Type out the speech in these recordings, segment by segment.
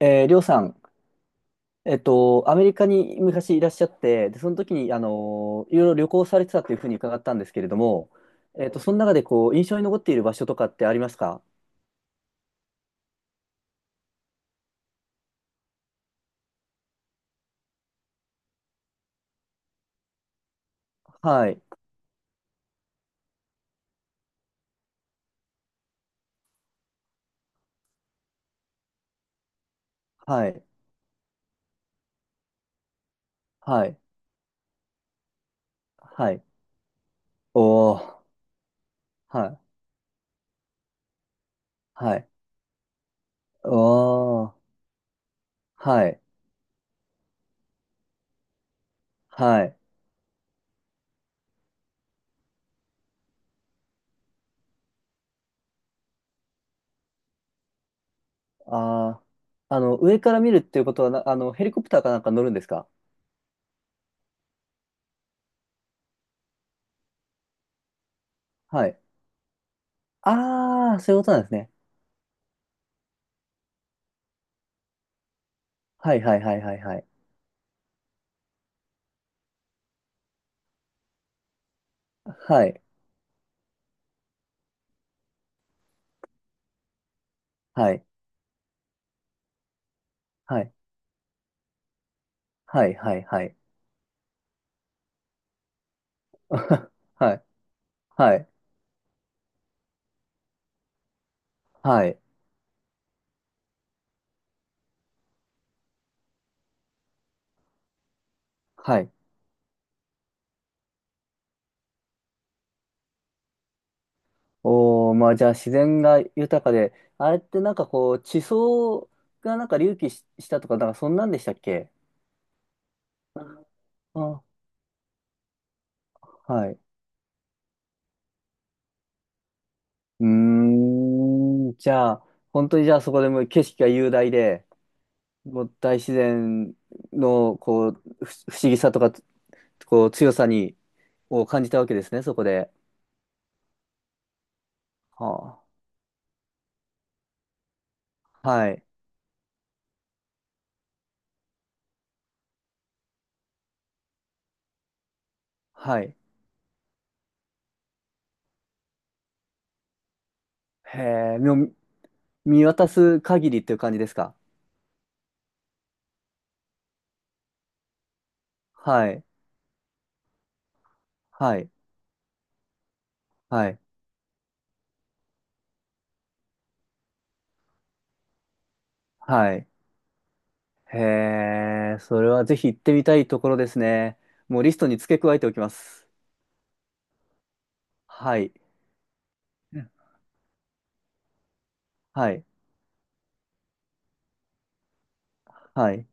りょうさん、アメリカに昔いらっしゃって、で、その時に、いろいろ旅行されてたというふうに伺ったんですけれども、その中で、こう、印象に残っている場所とかってありますか？はい、はい、はい、はい、おー、はい、はい、おー、はい、はい、あー、上から見るっていうことはな、あの、ヘリコプターかなんか乗るんですか？はい。あー、そういうことなんですね。はい、はい、はい、はい、はい、はい、はい、はい、はい、はい、はい、はい、はい、はい、はい。おー、まあじゃあ自然が豊かで、あれってなんかこう、地層がなんか隆起し、したとか、なんかそんなんでしたっけ？あ、はい。うーじゃあ、本当にじゃあそこでもう景色が雄大で、もう大自然のこう、不思議さとか、こう、強さに、を感じたわけですね、そこで。はあ、はい、はい。へえ、もう見渡す限りっていう感じですか？はい。はい、はい、はい。へえ、それはぜひ行ってみたいところですね。もうリストに付け加えておきます。はい、うんはい、はい。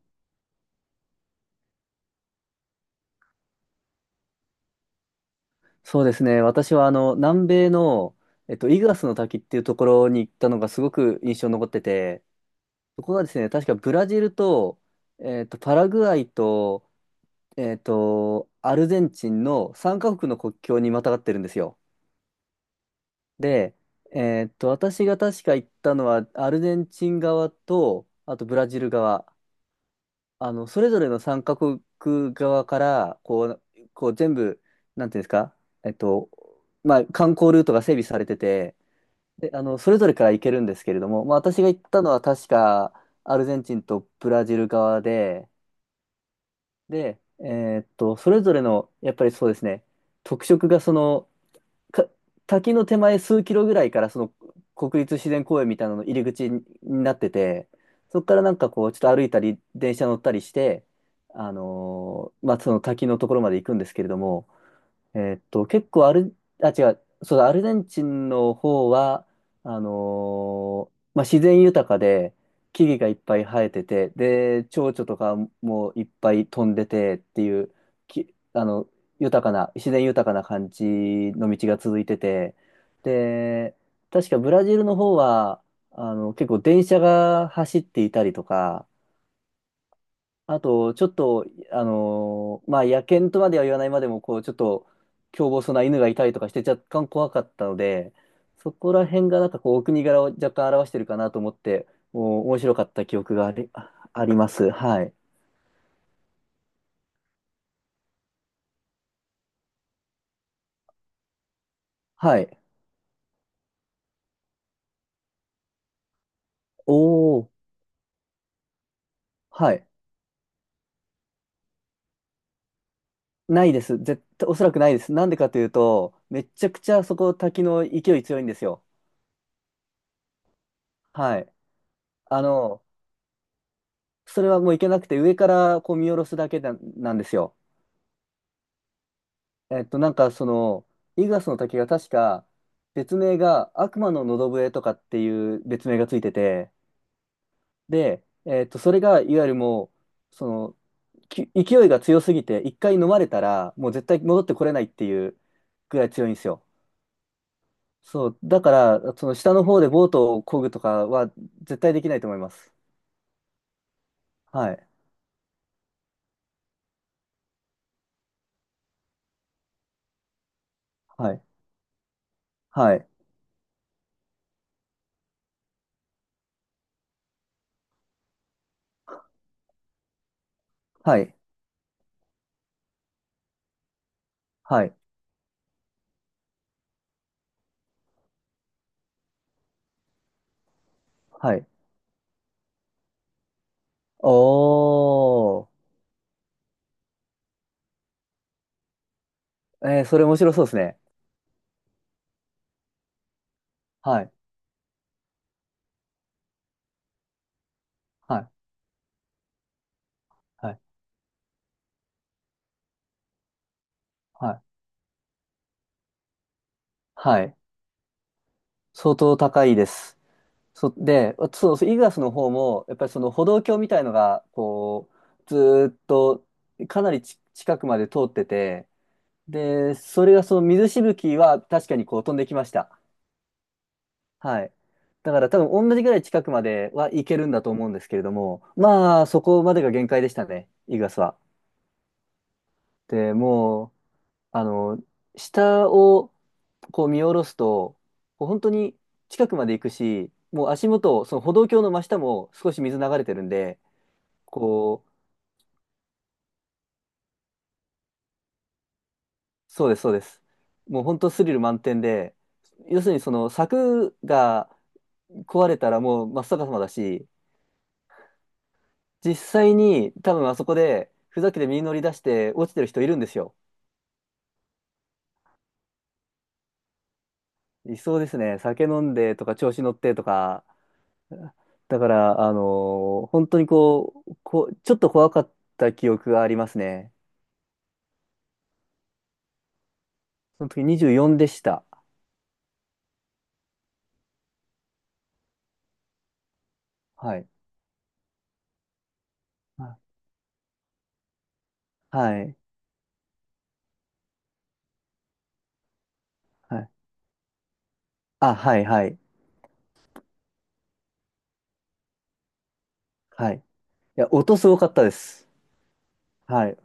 そうですね。私は南米の、イグアスの滝っていうところに行ったのがすごく印象に残ってて、そこがですね、確かブラジルと、パラグアイと、アルゼンチンの三カ国の国境にまたがってるんですよ。で、私が確か行ったのは、アルゼンチン側と、あとブラジル側、それぞれの3カ国側から、こう全部、なんていうんですか、えっと、まあ、観光ルートが整備されてて、で、それぞれから行けるんですけれども、まあ、私が行ったのは確か、アルゼンチンとブラジル側で、で、それぞれの、やっぱりそうですね、特色がその、か滝の手前数キロぐらいからその国立自然公園みたいなのの入り口になってて、そこからなんかこうちょっと歩いたり電車乗ったりして、まあその滝のところまで行くんですけれども、結構アル、あ、違う、そうだ、アルゼンチンの方は、あのまあ、自然豊かで、木々がいっぱい生えてて、で、蝶々とかもいっぱい飛んでてっていう、き、あの、豊かな、自然豊かな感じの道が続いてて、で、確かブラジルの方は、結構電車が走っていたりとか、あと、ちょっと、まあ、野犬とまでは言わないまでも、こう、ちょっと、凶暴そうな犬がいたりとかして、若干怖かったので、そこら辺が、なんかこう、お国柄を若干表してるかなと思って、もう、面白かった記憶があり、ああります。はい。はい。おー、はい。ないです。絶対、おそらくないです。なんでかというと、めちゃくちゃそこ、滝の勢い強いんですよ。はい。あの、それはもう行けなくて、上からこう見下ろすだけななんですよ。なんかその、イグアスの滝が確か、別名が悪魔の喉笛とかっていう別名がついてて、で、それがいわゆるもう、その、勢いが強すぎて、一回飲まれたら、もう絶対戻ってこれないっていうぐらい強いんですよ。そう、だから、その下の方でボートを漕ぐとかは絶対できないと思います。はい、はい、はい、はい、はい、はい。おー、えー、それ面白そうですね。はい、はい、はい。はいはい。相当高いです。で、そうそう、イーグアスの方も、やっぱりその歩道橋みたいのが、こう、ずーっと、かなり近くまで通ってて、で、それがその水しぶきは確かにこう飛んできました。はい。だから多分同じぐらい近くまでは行けるんだと思うんですけれども、まあ、そこまでが限界でしたね、イーグアスは。で、もう、あの、下を、こう見下ろすと、こう本当に近くまで行くし、もう足元、その歩道橋の真下も少し水流れてるんで、こう、そうです、そうです。もう本当スリル満点で、要するにその柵が壊れたらもう真っ逆さまだし、実際に多分あそこでふざけて身に乗り出して落ちてる人いるんですよ。いそうですね。酒飲んでとか調子乗ってとか、だから、本当にこう、ちょっと怖かった記憶がありますね。その時24でした。はい。あはい。はい。あ、はい、はい。はい。いや、音すごかったです。はい。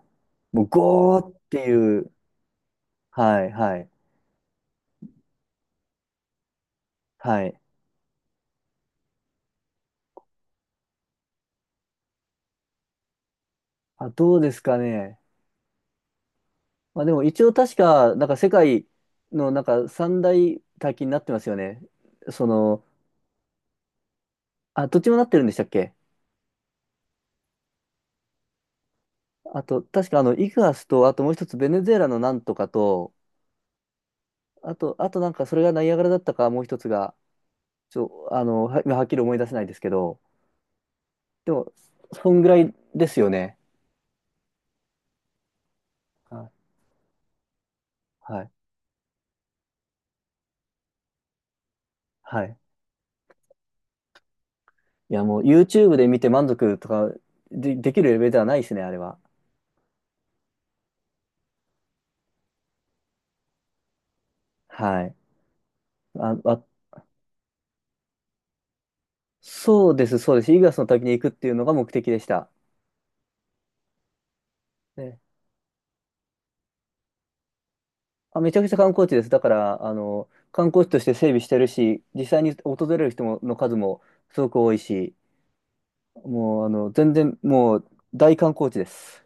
もう、ゴーっていう。はい、はい。はい。あ、どうですかね。まあ、でも一応確か、なんか世界のなんか三大大金になってますよね。その、どっちもなってるんでしたっけ？あと、確かイグアスと、あともう一つベネズエラのなんとかと、あとなんかそれがナイアガラだったか、もう一つが、ちょ、あの、は、はっきり思い出せないですけど、でも、そんぐらいですよね。はい。はい。はい。いや、もう YouTube で見て満足とかできるレベルではないですね、あれは。はい。あ、あ、そうです、そうです。イグアスの滝に行くっていうのが目的でした。ね。めちゃくちゃ観光地です。だから、観光地として整備してるし、実際に訪れる人もの数もすごく多いし、もう、全然、もう、大観光地です。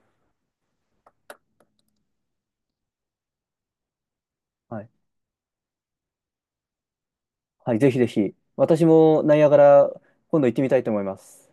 はい。はい、ぜひぜひ。私もナイアガラ、今度行ってみたいと思います。